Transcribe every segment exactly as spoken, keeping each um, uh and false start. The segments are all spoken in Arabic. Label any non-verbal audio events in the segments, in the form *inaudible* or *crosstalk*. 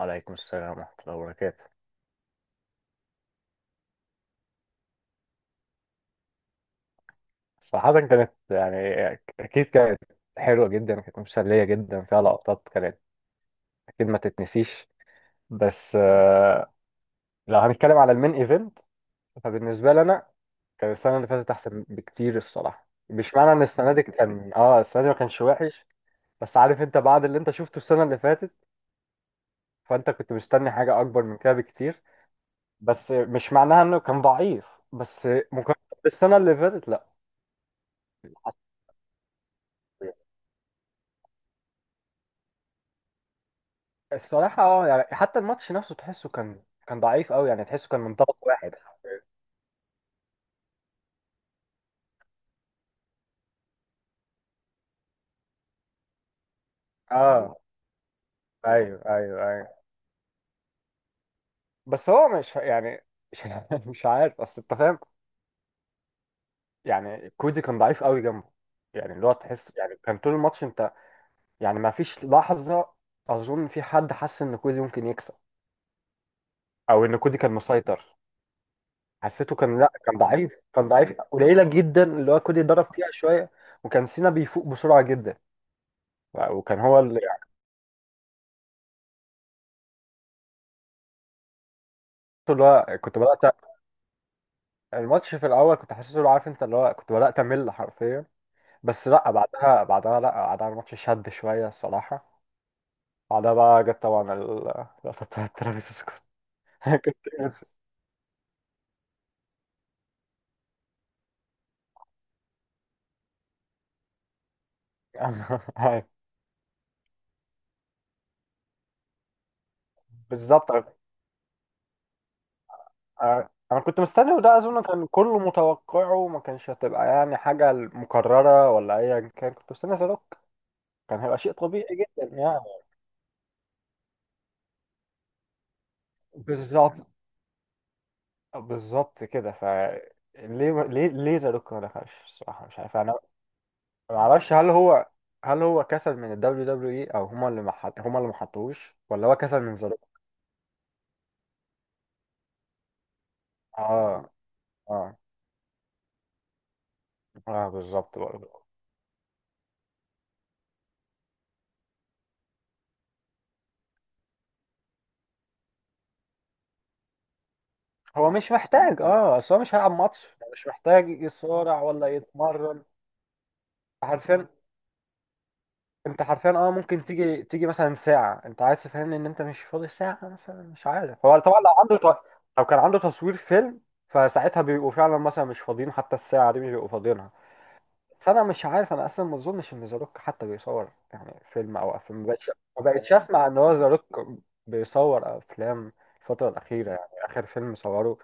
عليكم السلام ورحمة الله وبركاته. صراحة كانت يعني أكيد كانت حلوة جدا، كانت مسلية جدا، فيها لقطات كانت أكيد ما تتنسيش. بس آه، لو هنتكلم على المين إيفنت فبالنسبة لي أنا كان السنة اللي فاتت أحسن بكتير الصراحة. مش معنى إن السنة دي كان آه السنة دي ما كانش وحش، بس عارف أنت بعد اللي أنت شفته السنة اللي فاتت فأنت كنت مستني حاجة أكبر من كده بكتير. بس مش معناها إنه كان ضعيف، بس مقارنة بالسنة اللي فاتت. لا، الصراحة اه يعني حتى الماتش نفسه تحسه كان كان ضعيف قوي، يعني تحسه كان من طرف واحد. اه، ايوه ايوه ايوه. بس هو مش يعني مش *laughs* مش عارف، اصل انت فاهم يعني. كودي كان ضعيف قوي جنبه، يعني اللي هو تحس يعني كان طول الماتش انت، يعني ما فيش لحظة اظن في حد حس ان كودي ممكن يكسب او ان كودي كان مسيطر. حسيته كان، لا، كان ضعيف، كان ضعيف قليلة جدا اللي هو كودي ضرب فيها شوية. وكان سينا بيفوق بسرعة جدا، وكان هو اللي يعني اللي هو كنت بدأت الماتش في الاول كنت حاسس له، عارف انت اللي هو كنت بدات امل حرفيا. بس لا، بعدها، بعدها لا بعدها الماتش شد شويه الصراحه. بعدها بقى جت طبعا ال- *laughs* اللقطه بتاعت ترافيس سكوت. *laughs* كنت ناسي. أنا- *laughs* أيوه. بالظبط، أنا أنا كنت مستني، وده اظن كان كله متوقعه وما كانش هتبقى يعني حاجه مكرره ولا ايا كان. كنت مستني زاروك، كان هيبقى شيء طبيعي جدا يعني. بالظبط، بالظبط كده. ف ليه ليه ليه زاروك ما دخلش الصراحه؟ مش عارف انا، ما اعرفش. هل هو هل هو كسل من ال دبليو دبليو إي اي، او هما اللي مح... هما اللي محطوش، ولا هو كسل من ظروف. اه اه اه، بالظبط برضه. هو مش محتاج، اه اصل هو مش هيلعب ماتش، مش محتاج يصارع ولا يتمرن. حرفيا، انت حرفيا اه ممكن تيجي تيجي مثلا ساعة انت عايز تفهمني ان انت مش فاضي ساعة مثلا. مش عارف هو طبعا لو عنده ت- لو كان عنده تصوير فيلم فساعتها بيبقوا فعلا مثلا مش فاضيين، حتى الساعة دي مش بيبقوا فاضيينها. بس انا مش عارف، انا اصلا ما اظنش ان ذا روك حتى بيصور يعني فيلم او افلام. ما بقتش، ما بقتش اسمع ان هو ذا روك بيصور افلام الفتره الاخيره. يعني اخر فيلم صوره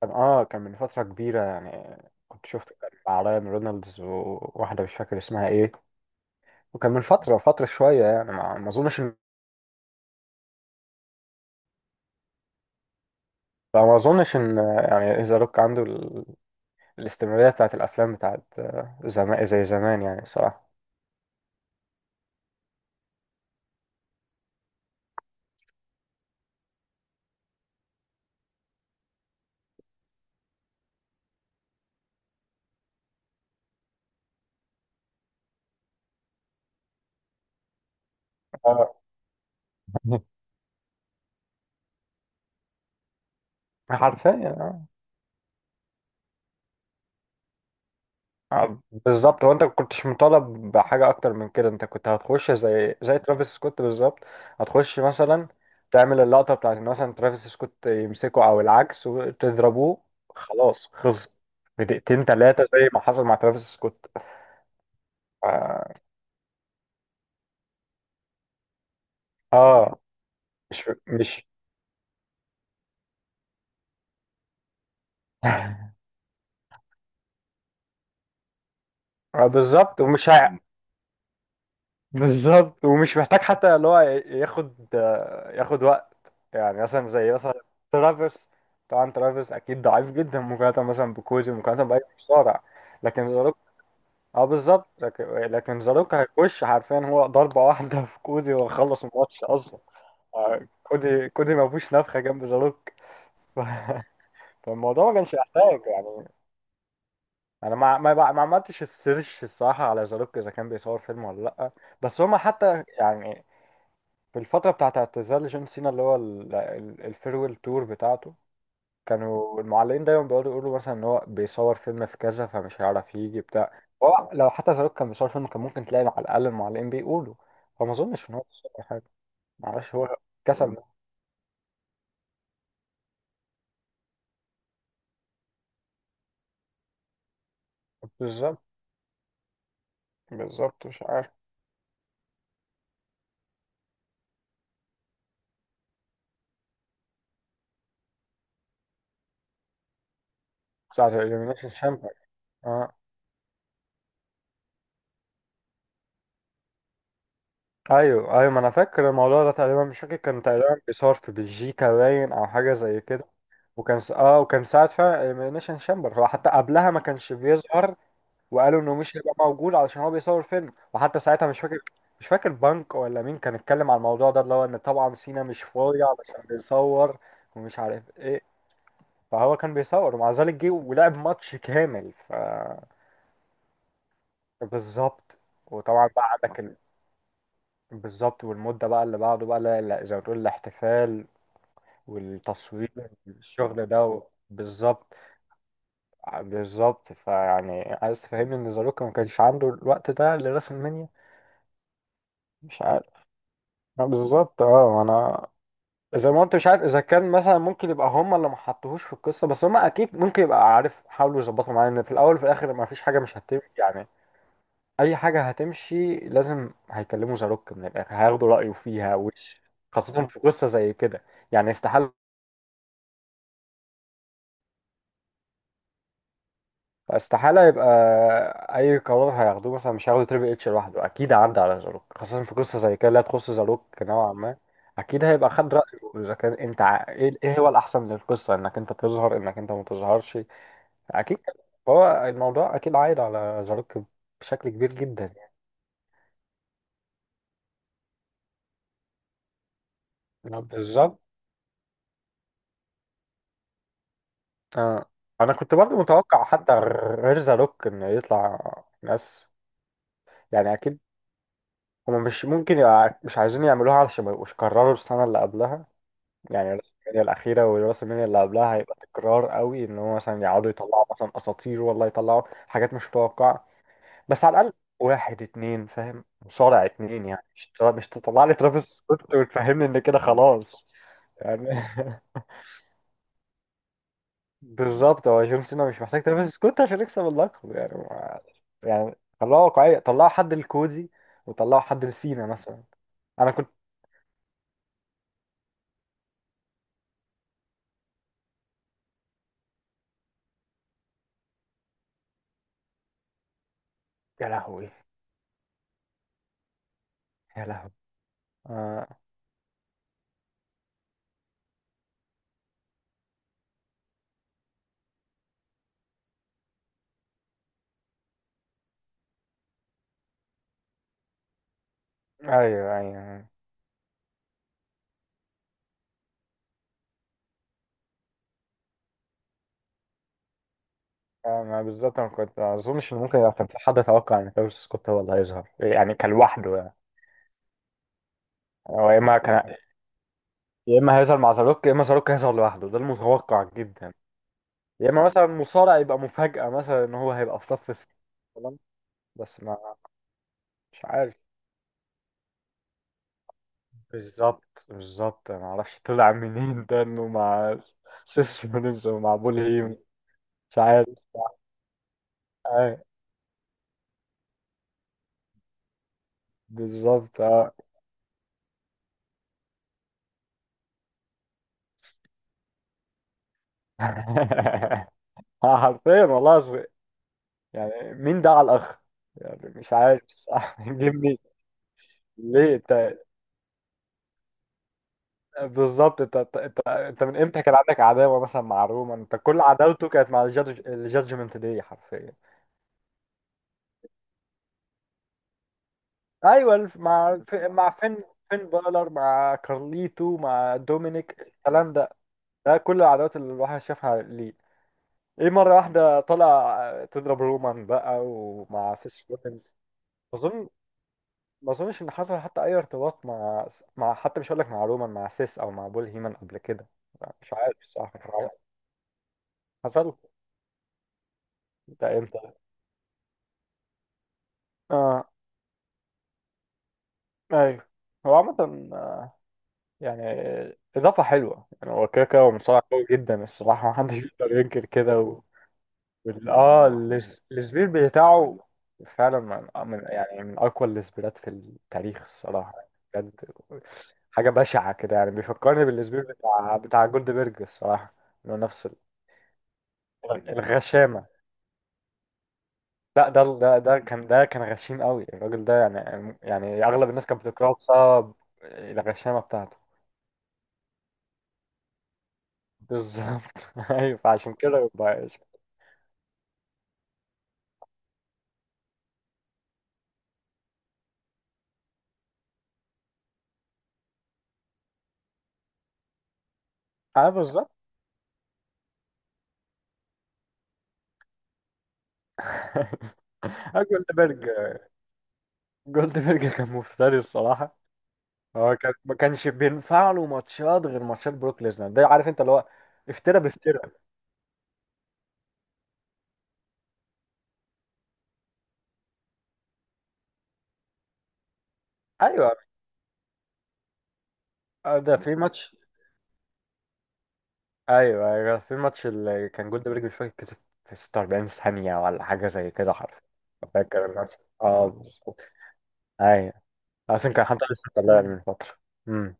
كان اه كان من فتره كبيره يعني، كنت شفته كان مع رايان رونالدز وواحده مش فاكر اسمها ايه، وكان من فتره فتره شويه يعني. ما ما اظنش ان ما اظنش ان يعني ذا روك عنده ال... الاستمراريه بتاعت الافلام بتاعت زمان زي زمان يعني الصراحه. آه، *laughs* حرفيا. آه، بالظبط، هو انت ما كنتش مطالب بحاجه اكتر من كده. انت كنت هتخش زي زي ترافيس سكوت بالظبط. هتخش مثلا تعمل اللقطه بتاعت ان مثلا ترافيس سكوت يمسكه او العكس وتضربوه، خلاص خلص في دقيقتين ثلاثه زي ما حصل مع ترافيس سكوت. اه. آه، مش مش *laughs* آه، بالظبط. ومش هي- بالظبط، ومش محتاج حتى اللي هو ياخد ياخد وقت. يعني مثلا زي مثلا ترافيس، طبعا ترافيس اكيد ضعيف جدا مقارنه مثلا بكوزي، مقارنه باي مصارع، لكن زاروك، اه بالظبط. لكن لكن زاروك هيخش حرفيا هو ضربه واحده في كوزي وخلص الماتش اصلا. آه، كوزي كوزي ما فيهوش نفخه جنب زاروك. *laughs* ف- فالموضوع ما كانش يحتاج يعني. انا ما ما ما عملتش السيرش الصراحه على زاروك اذا كان بيصور فيلم ولا لا. بس هما حتى يعني في الفترة بتاعت اعتزال جون سينا اللي هو ال- ال- الفيرويل تور بتاعته كانوا المعلقين دايما بيقعدوا يقولوا مثلا ان هو بيصور فيلم في كذا فمش هيعرف يجي بتاع. هو لو حتى زاروك كان بيصور فيلم كان ممكن تلاقي على الأقل المعلقين بيقولوا، فما أظنش إن هو بيصور حاجة. معرفش، هو كسل. بالظبط، بالظبط، مش عارف. ساعة الإليمينيشن شامبر، اه. أيوه أيوه، ما أنا فاكر الموضوع ده تقريبا، مش فاكر، كان تقريبا بيصور في بلجيكا باين أو حاجة زي كده. وكان س... اه وكان ساعة فعلا الإليمينيشن شامبر هو حتى قبلها ما كانش بيظهر، وقالوا انه مش هيبقى موجود علشان هو بيصور فيلم. وحتى ساعتها مش فاكر، مش فاكر بنك ولا مين كان اتكلم على الموضوع ده اللي هو ان طبعا سينا مش فاضي علشان بيصور ومش عارف ايه. فهو كان بيصور ومع ذلك جه ولعب ماتش كامل. ف بالظبط. وطبعا بقى عندك ال... بالظبط، والمدة بقى اللي بعده بقى لا- لا، زي ما تقول الاحتفال والتصوير، الشغل ده و... بالظبط، بالظبط. فيعني عايز تفهمني ان زاروكا ما كانش عنده الوقت ده لرسم المنيا؟ مش عارف. لا، بالظبط اه. انا زي ما قلت، مش عارف اذا كان مثلا ممكن يبقى هم اللي ما حطوهوش في القصه، بس هم اكيد ممكن يبقى. عارف، حاولوا يظبطوا معايا ان في الاول وفي الاخر ما فيش حاجه مش هتمشي يعني، اي حاجه هتمشي لازم هيكلموا زاروك. من الاخر هياخدوا رايه فيها وش، خاصه في قصه زي كده. يعني استحاله، استحالة يبقى أي قرار هياخدوه مثلا. مش هياخدوا تريبل اتش لوحده، أكيد عدى على زاروك، خاصة في قصة زي كده لا تخص زاروك نوعا ما. أكيد هيبقى خد رأيه إذا كان أنت ع- إيه، إيه هو الأحسن للقصة، إنك أنت تظهر إنك أنت ما تظهرش. أكيد كده. هو الموضوع أكيد عايد على زاروك بشكل كبير جدا يعني. لا، بالظبط. آه، أنا كنت برضو متوقع حتى غير زاروك إنه يطلع ناس، يعني أكيد هما مش ممكن يبقى مش عايزين يعملوها علشان ما يبقوش كرروا السنة اللي قبلها. يعني راس المنيا الأخيرة وراس المنيا اللي قبلها هيبقى تكرار قوي إن هو مثلا يقعدوا يطلعوا مثلا أساطير، والله يطلعوا حاجات مش متوقعة، بس على الأقل واحد اتنين فاهم مصارع اتنين. يعني مش تطلع مش تطلع لي ترافيس سكوت وتفهمني إن كده خلاص، يعني *laughs* بالظبط، هو جون سينا مش محتاج ترافيس سكوت عشان يكسب اللقب، يعني ما- يعني طلعوا واقعية، طلعوا حد لكودي وطلعوا حد لسينا مثلا. أنا كنت، يا لهوي، يا لهوي، آه... أيوه أيوه. آه، ما بالظبط انا كنت ما اظنش ان ممكن كان في حد توقع ان تايوس سكوت هو اللي هيظهر يعني، كان لوحده يعني. هو يا اما كان، يا اما هيظهر مع زاروك، يا اما زاروك هيظهر لوحده، ده المتوقع جدا. يا اما مثلا مصارع يبقى مفاجأة مثلا ان هو هيبقى في صف الس- مثلاً. بس ما مش عارف. بالظبط بالظبط، انا ما اعرفش طلع منين ده انه مع سيس رولينز ومع بول هيم. مش عارف. آه، بالظبط اه. *laughs* حرفيا والله، يعني مين ده على الاخر؟ يعني مش عارف صح *laughs* جه منين. ليه انت بالظبط؟ انت انت انت انت من امتى كان عندك عداوه مثلا مع رومان؟ انت كل عداوته كانت مع الجادج الجادجمنت داي حرفيا. ايوه الف- مع الف- مع فين؟ فين بالر، مع كارليتو، مع دومينيك، الكلام ده، ده كل العداوات اللي الواحد شافها ليه. ايه مره واحده طلع تضرب رومان بقى ومع سيس رولينز؟ اظن، ما اظنش ان حصل حتى اي ارتباط مع مع حتى، مش هقول لك مع رومان، مع سيس او مع بول هيمن قبل كده. مش عارف الصراحه، كان عارف. حصل، ده امتى؟ اه ايوه. هو عامه آه، يعني اضافه حلوه يعني، هو كده كده هو مصارع قوي جدا الصراحه *laughs* محدش يقدر ينكر كده. و... وال... اه الس- السبير بتاعه فعلا من من- يعني من اقوى السبيرات في التاريخ الصراحه، بجد. حاجه بشعه كده يعني، بيفكرني بالسبير بتاع بتاع جولدبرج الصراحه، انه نفس الغشامة. لا، ده ده ده كان، ده كان غشيم قوي الراجل ده يعني، يعني اغلب الناس كانت بتكرهه بسبب الغشامة بتاعته. بالظبط *laughs* ايوه فعشان كده يبقى اسم. اه بالظبط. *laughs* آه، جولدبرج، جولدبرج كان مفتري الصراحة. هو كان ما كانش بينفع له ماتشات غير ماتشات بروك ليزنر، ده عارف انت اللي هو افترى بافترى. ايوه، اه ده في ماتش. ايوه ايوه، في ماتش اللي كان جولد بريك مش فاكر كسب في ستة وأربعين ثانية ولا حاجة زي كده حرفيا. فاكر الماتش، اه بالظبط. ايوه، اصلا كان حد لسه طلع من فترة. امم.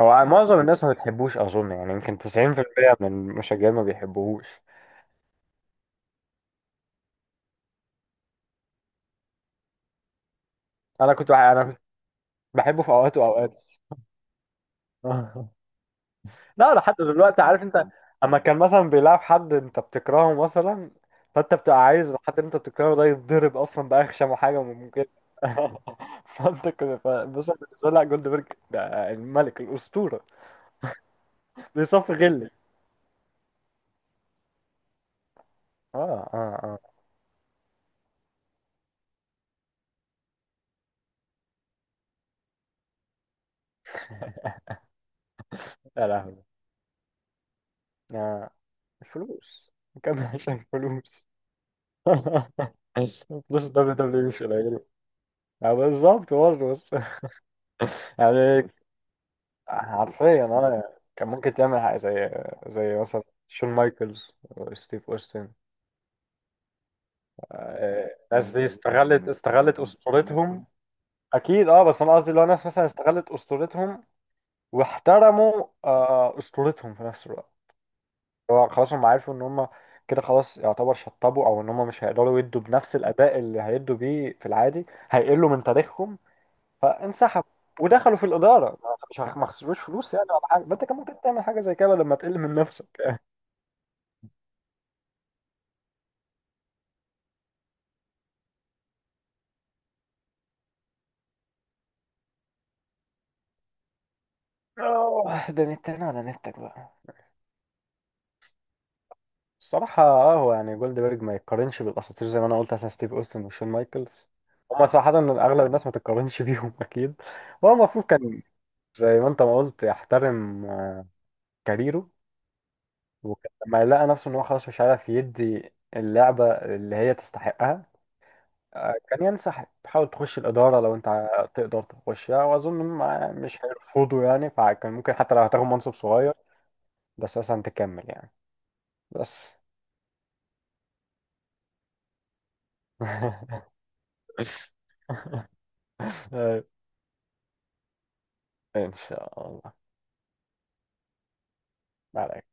هو معظم الناس ما بتحبوش اظن، يعني يمكن تسعين في المية من المشجعين ما بيحبوهوش. انا كنت بح- انا كنت بحبه في اوقات واوقات. *laughs* لا لحد دلوقتي، عارف انت، اما كان مثلا بيلعب حد انت بتكرهه مثلا، فانت بتبقى عايز الحد اللي انت بتكرهه ده يتضرب اصلا باخشم حاجه ممكن. *laughs* فانت كده، فبس بالنسبه لي لا، جولدبرج ده الملك الاسطوره، بيصفي غل. اه اه اه، يا لهوي. آه، الفلوس، كان عشان فلوس. فلوس *laughs* دبليو دبليو مش قليل. آه، بالظبط برضه بس *laughs* يعني، حرفيا اه يعني، كان ممكن تعمل حاجة زي زي مثلا شون مايكلز وستيف اوستن. آه، الناس دي استغلت، استغلت اسطورتهم، اكيد اه. بس انا قصدي لو ناس مثلا استغلت اسطورتهم واحترموا آه، اسطورتهم في نفس الوقت. هو خلاص هم عارفوا ان هم كده خلاص يعتبر شطبوا، او ان هم مش هيقدروا يدوا بنفس الاداء اللي هيدوا بيه في العادي، هيقلوا من تاريخهم، فانسحبوا ودخلوا في الاداره. ما مش هخ- ما خسروش فلوس يعني ولا حاجه. ما انت كان ممكن تعمل حاجه زي كده لما تقل من نفسك. اه، ده نتنا على نتك بقى. الصراحة اه، هو يعني جولدبرج ما يتقارنش بالأساطير زي ما أنا قلت مثلا ستيف أوستن وشون مايكلز. هما صراحة إن أغلب الناس ما تتقارنش *laughs* بيهم أكيد. هو المفروض كان زي ما أنت ما قلت يحترم كاريره، وكان لما لقى نفسه إن هو خلاص مش عارف يدي اللعبة اللي هي تستحقها آه، كان ينسحب، حاول تخش الإدارة لو أنت ع- تقدر تخشها، وأظن إنهم مش هيرفضوا يعني، فكان ممكن حتى لو هتاخد منصب صغير بس مثلا تكمل يعني. بس *laughs* *laughs* طيب، إن شاء الله. عليك